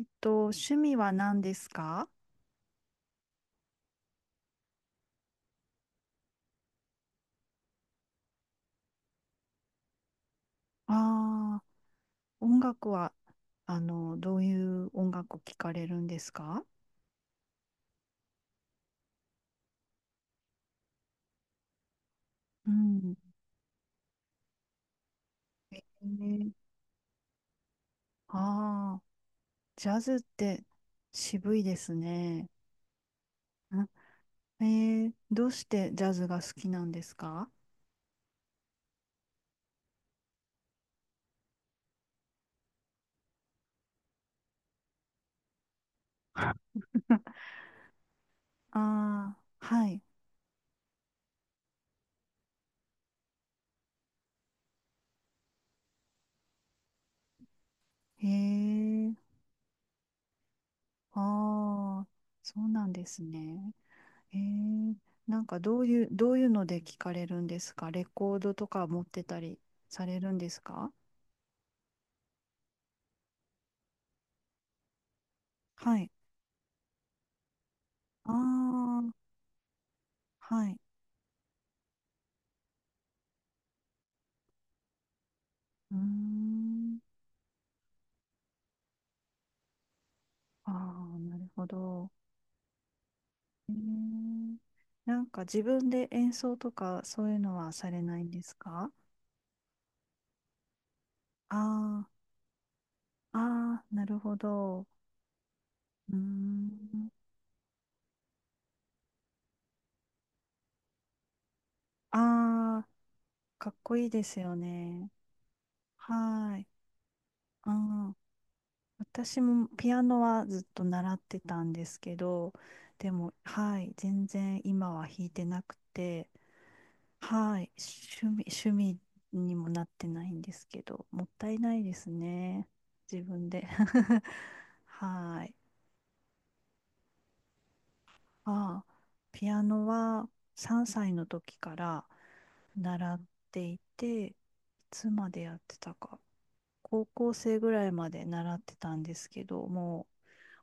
趣味は何ですか？ああー、音楽は、どういう音楽を聴かれるんですか？うん。ね。ああ。ジャズって渋いですね。ん。どうしてジャズが好きなんですか？あ。 あー、はい。へえ。ああ、そうなんですね。へえ。なんかどういうので聞かれるんですか？レコードとか持ってたりされるんですか？はい。ああ、はい。うーん。ああ、なるほど。えー、なんか自分で演奏とかそういうのはされないんですか？ああ、ああ、なるほど。うーん。ああ、かっこいいですよね。はーい。うん。私もピアノはずっと習ってたんですけど、でも、はい、全然今は弾いてなくて、はい。趣味にもなってないんですけど、もったいないですね。自分で。はい。ああ、ピアノは3歳の時から習っていて、いつまでやってたか。高校生ぐらいまで習ってたんですけど、も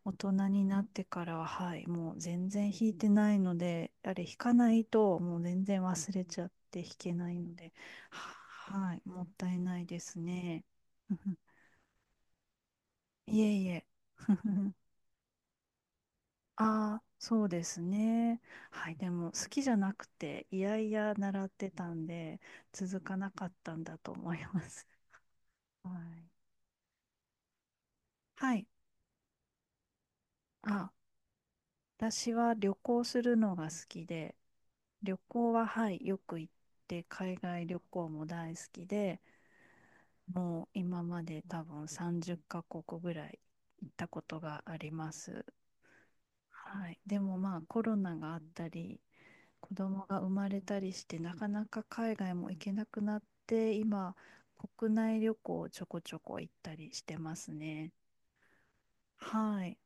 う大人になってからは、はい、もう全然弾いてないので、あれ弾かないともう全然忘れちゃって弾けないので、は、はい、もったいないですね。いえいえ。ああ、そうですね。はい、でも好きじゃなくて、いやいや習ってたんで、続かなかったんだと思います。はい。はい。あ。私は旅行するのが好きで、旅行は、はい、よく行って、海外旅行も大好きで、もう今まで多分30カ国ぐらい行ったことがあります。はい、でもまあコロナがあったり、子供が生まれたりして、なかなか海外も行けなくなって、今、国内旅行をちょこちょこ行ったりしてますね。はい。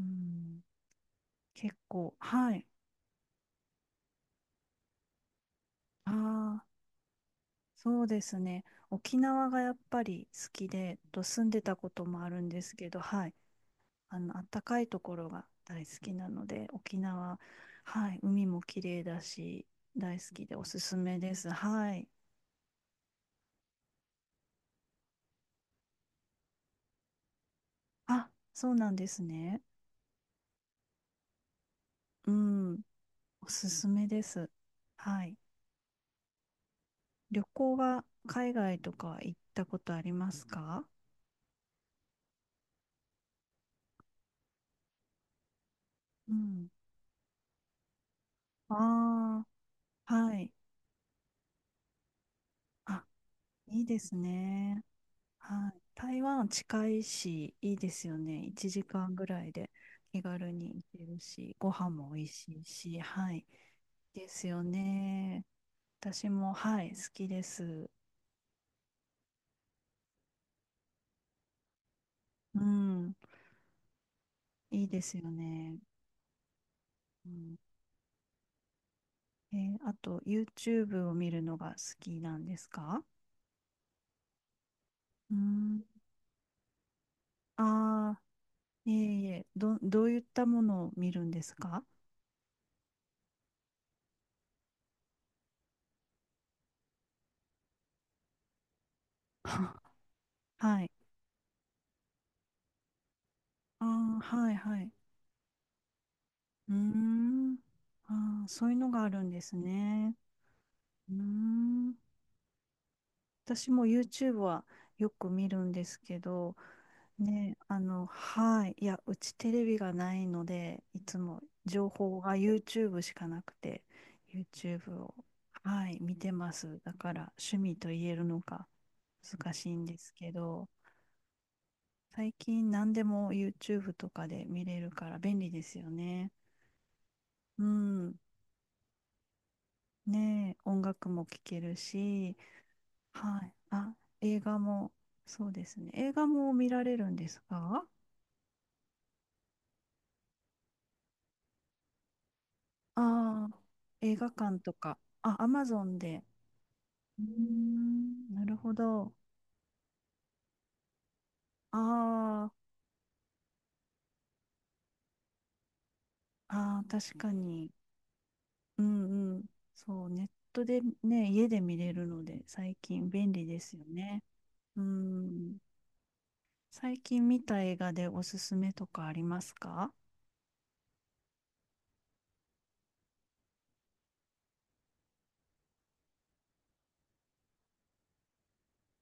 うん、結構、はい。あ、そうですね。沖縄がやっぱり好きで、住んでたこともあるんですけど、はい。暖かいところが大好きなので、沖縄、はい。海も綺麗だし、大好きでおすすめです。はい。あ、そうなんですね。うん。おすすめです。はい。旅行は海外とか行ったことありますか？うん。ああ、はい。あ、いいですね。はい、台湾近いし、いいですよね。1時間ぐらいで気軽に行けるし、ご飯も美味しいし、はい、ですよね。私も、はい、好きです。うん、いいですよね。うん、あと、YouTube を見るのが好きなんですか？うん。ああ、いえいえ、どういったものを見るんですか？ はい。ああ、はい、はい。うーん。ああ、そういうのがあるんですね。うーん。私も YouTube はよく見るんですけど、ね、はい。いや、うちテレビがないので、いつも情報が YouTube しかなくて、YouTube を、はい、見てます。だから趣味と言えるのか難しいんですけど、最近何でも YouTube とかで見れるから便利ですよね。うん。ねえ、音楽も聴けるし、はい。あ、映画も、そうですね。映画も見られるんですか？ああ、映画館とか。あ、アマゾンで。うーん、なるほど。ああ、ああ、確かに。うんうん。そう、ネットでね、家で見れるので、最近便利ですよね。うん。最近見た映画でおすすめとかありますか？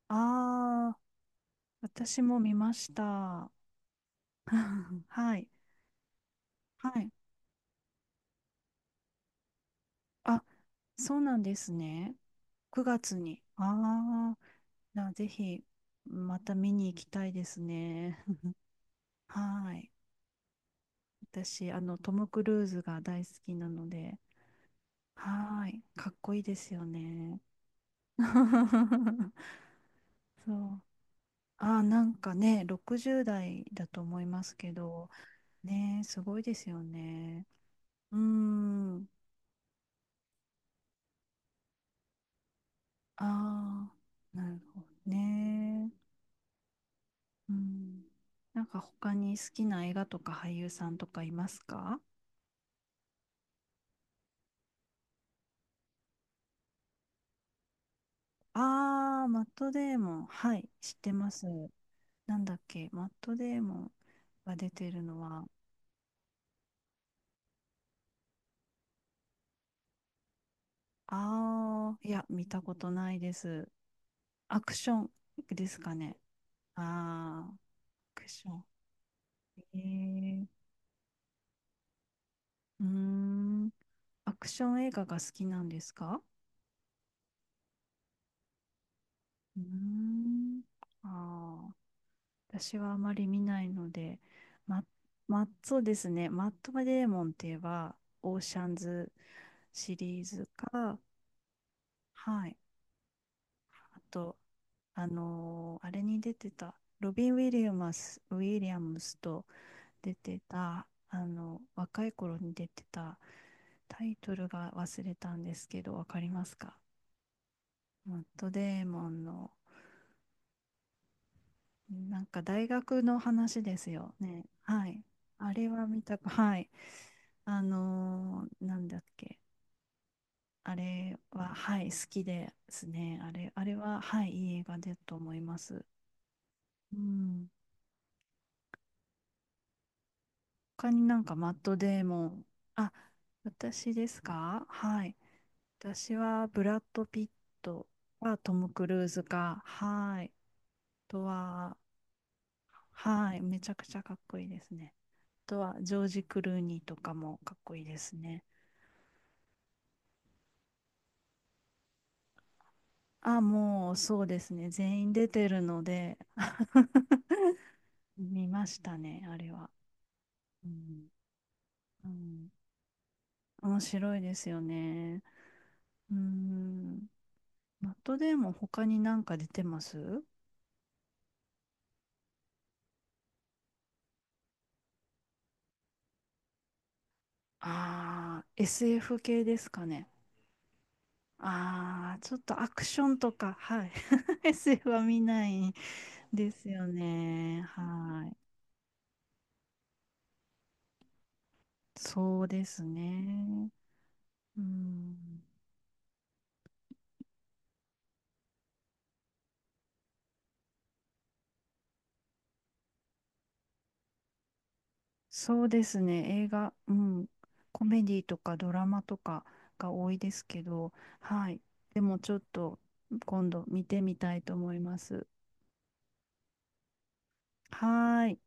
ああー、私も見ました。はい。はい。あ、そうなんですね。9月に。ああ、な、ぜひ、また見に行きたいですね。はい。私、トム・クルーズが大好きなので、はい。かっこいいですよね。そう。ああ、なんかね、60代だと思いますけど、ね、すごいですよね。うーん。ああ、なるほどね。うん、なんか他に好きな映画とか俳優さんとかいますか？ああー、マットデーモン。はい、知ってます。なんだっけ、マットデーモンが出てるのは、ああ、いや、見たことないです。アクションですかね。ああ、アクション。えー、うーん、アクション映画が好きなんですか？うーん、ああ。私はあまり見ないので、ま、ま、そうですね。マット・デーモンって言えば、オーシャンズシリーズか、はい。あと、あれに出てた、ロビン・ウィリアムスと出てた、若い頃に出てた、タイトルが忘れたんですけど、わかりますか？マット・デーモンのなんか大学の話ですよね。はい。あれは見たく、はい。なんだっけ。あれは、はい、好きですね。あれは、はい、いい映画だと思います。うん。他になんかマットデーモン。あ、私ですか？はい。私はブラッド・ピットかトム・クルーズか、はい。あとは、はい、めちゃくちゃかっこいいですね。あとは、ジョージ・クルーニーとかもかっこいいですね。あ、もうそうですね。全員出てるので、見ましたね、あれは。うん、うん、面白いですよね。うん。マットデーモン他になんか出てます？ああー、SF 系ですかね。ああ、ちょっとアクションとか、はい。SF は見ないですよね。はい。そうですね。うん。そうですね、映画、うん、コメディとかドラマとかが多いですけど、はい、でもちょっと今度見てみたいと思います。はーい。